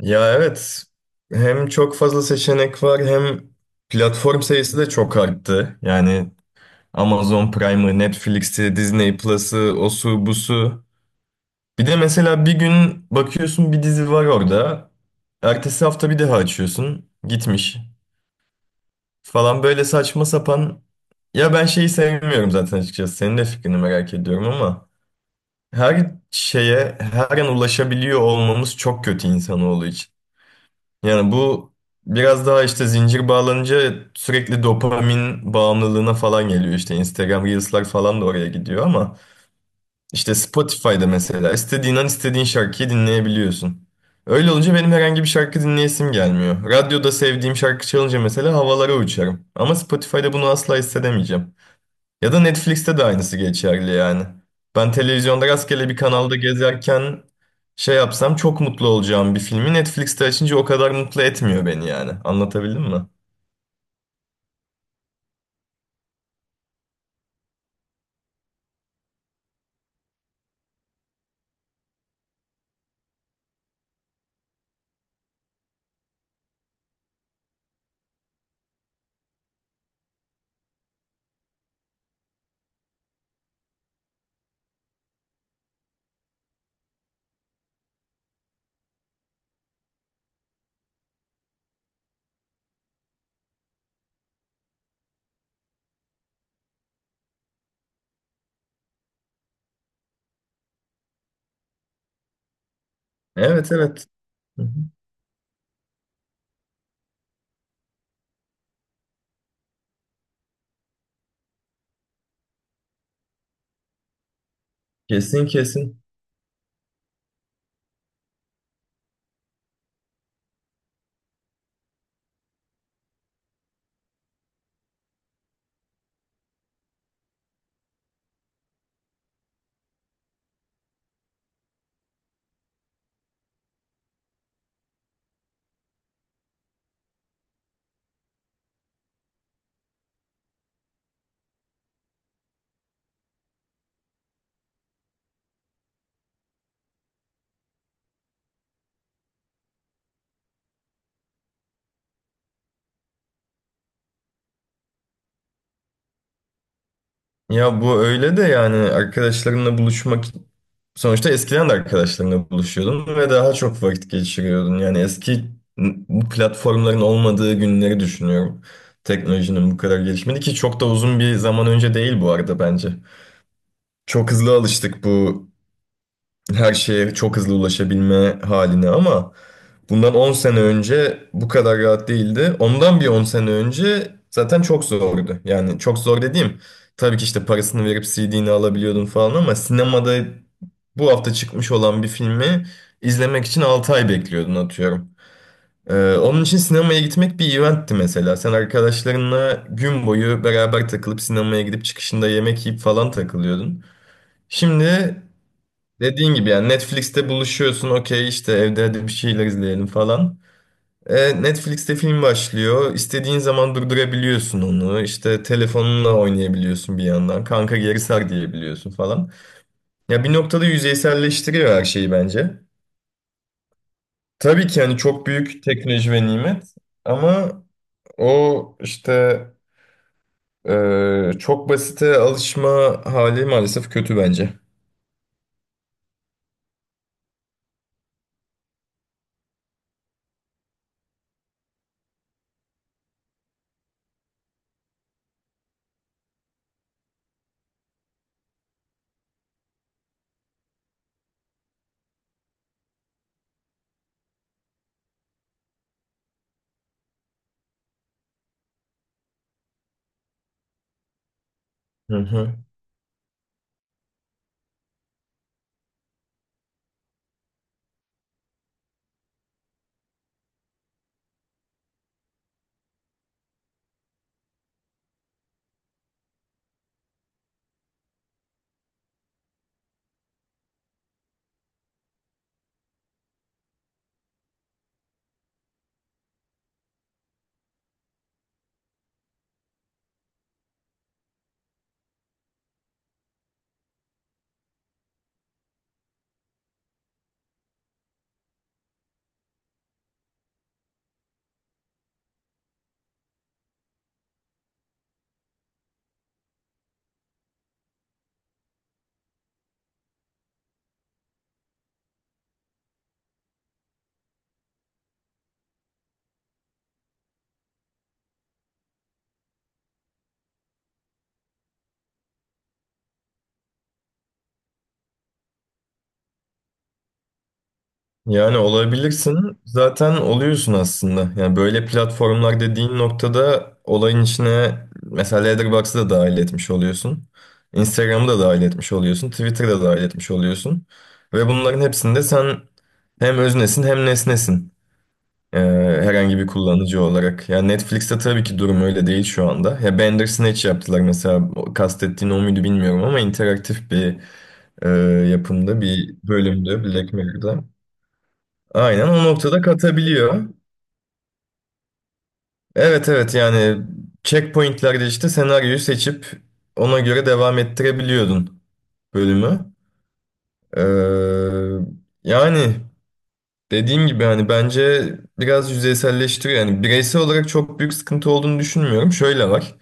Ya evet, hem çok fazla seçenek var, hem platform sayısı da çok arttı. Yani Amazon Prime'ı, Netflix'i, Disney Plus'ı, osu busu. Bir de mesela bir gün bakıyorsun, bir dizi var orada. Ertesi hafta bir daha açıyorsun. Gitmiş falan, böyle saçma sapan. Ya ben şeyi sevmiyorum zaten, açıkçası. Senin de fikrini merak ediyorum ama her şeye her an ulaşabiliyor olmamız çok kötü insanoğlu için. Yani bu biraz daha işte zincir bağlanınca sürekli dopamin bağımlılığına falan geliyor. İşte Instagram Reels'lar falan da oraya gidiyor ama işte Spotify'da mesela istediğin an istediğin şarkıyı dinleyebiliyorsun. Öyle olunca benim herhangi bir şarkı dinleyesim gelmiyor. Radyoda sevdiğim şarkı çalınca mesela havalara uçarım. Ama Spotify'da bunu asla hissedemeyeceğim. Ya da Netflix'te de aynısı geçerli yani. Ben televizyonda rastgele bir kanalda gezerken şey yapsam çok mutlu olacağım bir filmi Netflix'te açınca o kadar mutlu etmiyor beni yani. Anlatabildim mi? Evet, evet. Hı hı. Kesin, kesin. Ya bu öyle de, yani arkadaşlarınla buluşmak sonuçta eskiden de arkadaşlarınla buluşuyordun ve daha çok vakit geçiriyordun. Yani eski, bu platformların olmadığı günleri düşünüyorum. Teknolojinin bu kadar gelişmedi ki, çok da uzun bir zaman önce değil bu arada bence. Çok hızlı alıştık bu her şeye çok hızlı ulaşabilme haline ama bundan 10 sene önce bu kadar rahat değildi. Ondan bir 10 sene önce zaten çok zordu. Yani çok zor dediğim, tabii ki işte parasını verip CD'ni alabiliyordun falan ama sinemada bu hafta çıkmış olan bir filmi izlemek için 6 ay bekliyordun, atıyorum. Onun için sinemaya gitmek bir eventti mesela. Sen arkadaşlarınla gün boyu beraber takılıp sinemaya gidip çıkışında yemek yiyip falan takılıyordun. Şimdi dediğin gibi, yani Netflix'te buluşuyorsun, okey işte evde hadi bir şeyler izleyelim falan. Netflix'te film başlıyor. İstediğin zaman durdurabiliyorsun onu. İşte telefonunla oynayabiliyorsun bir yandan. Kanka geri sar diyebiliyorsun falan. Ya bir noktada yüzeyselleştiriyor her şeyi bence. Tabii ki hani çok büyük teknoloji ve nimet ama o işte çok basite alışma hali maalesef kötü bence. Hı hı. Yani olabilirsin. Zaten oluyorsun aslında. Yani böyle platformlar dediğin noktada olayın içine mesela Letterboxd'ı da dahil etmiş oluyorsun. Instagram'ı da dahil etmiş oluyorsun. Twitter'ı da dahil etmiş oluyorsun. Ve bunların hepsinde sen hem öznesin hem nesnesin. Ee, Herhangi bir kullanıcı olarak. Yani Netflix'te tabii ki durum öyle değil şu anda. Ya Bandersnatch yaptılar mesela. O, kastettiğin o muydu bilmiyorum ama interaktif bir e, yapımda bir bölümdü Black Mirror'da. Aynen, o noktada katabiliyor. Evet, evet, yani checkpointlerde işte senaryoyu seçip ona göre devam ettirebiliyordun bölümü. Ee, yani dediğim gibi hani bence biraz yüzeyselleştiriyor. Yani bireysel olarak çok büyük sıkıntı olduğunu düşünmüyorum. Şöyle var.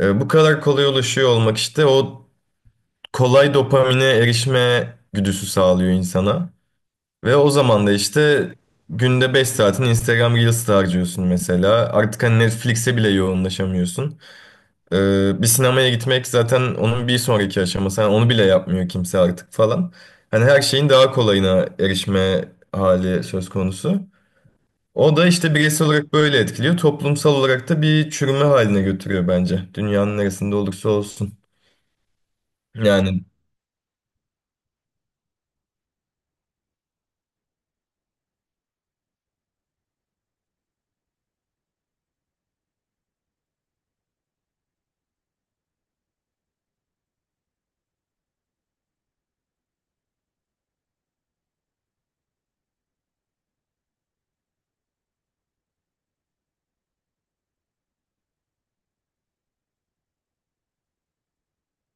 Bu kadar kolay ulaşıyor olmak işte o kolay dopamine erişme güdüsü sağlıyor insana. Ve o zaman da işte günde 5 saatini Instagram Reels'te harcıyorsun mesela. Artık hani Netflix'e bile yoğunlaşamıyorsun. Bir sinemaya gitmek zaten onun bir sonraki aşaması. Hani onu bile yapmıyor kimse artık falan. Hani her şeyin daha kolayına erişme hali söz konusu. O da işte bireysel olarak böyle etkiliyor. Toplumsal olarak da bir çürüme haline götürüyor bence. Dünyanın neresinde olursa olsun. Yani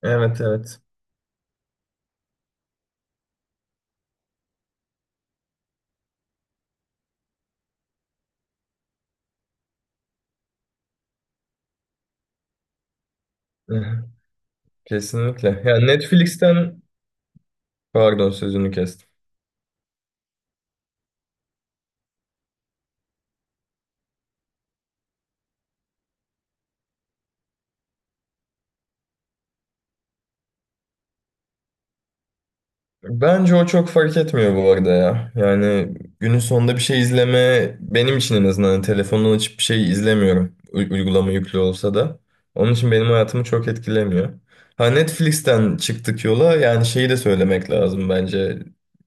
evet, evet. Kesinlikle. Yani Netflix'ten pardon, sözünü kestim. Bence o çok fark etmiyor bu arada ya. Yani günün sonunda bir şey izleme benim için, en azından hani telefondan açıp bir şey izlemiyorum. Uygulama yüklü olsa da. Onun için benim hayatımı çok etkilemiyor. Ha Netflix'ten çıktık yola, yani şeyi de söylemek lazım bence.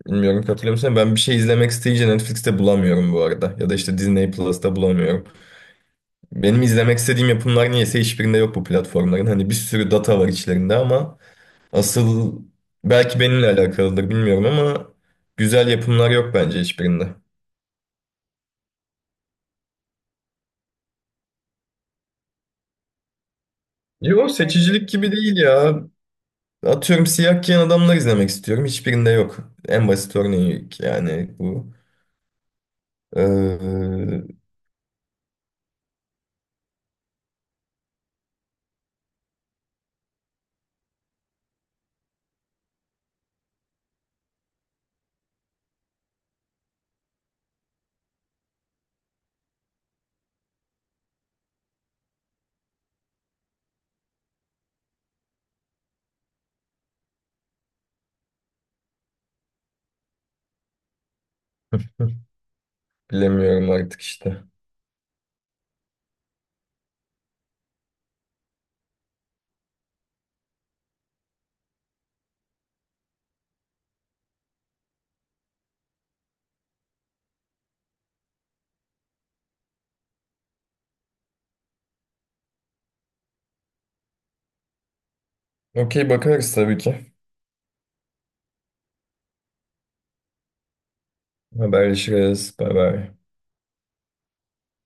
Bilmiyorum, katılıyor musun? Ben bir şey izlemek isteyince Netflix'te bulamıyorum bu arada. Ya da işte Disney Plus'ta bulamıyorum. Benim izlemek istediğim yapımlar niyeyse hiçbirinde yok bu platformların. Hani bir sürü data var içlerinde ama asıl belki benimle alakalıdır bilmiyorum ama güzel yapımlar yok bence hiçbirinde. Yok, seçicilik gibi değil ya. Atıyorum, siyah giyen adamlar izlemek istiyorum. Hiçbirinde yok. En basit örneği yani bu. Ee, Bilemiyorum artık işte. Okey, bakarız tabii ki. Haberleşiriz. Bay bay.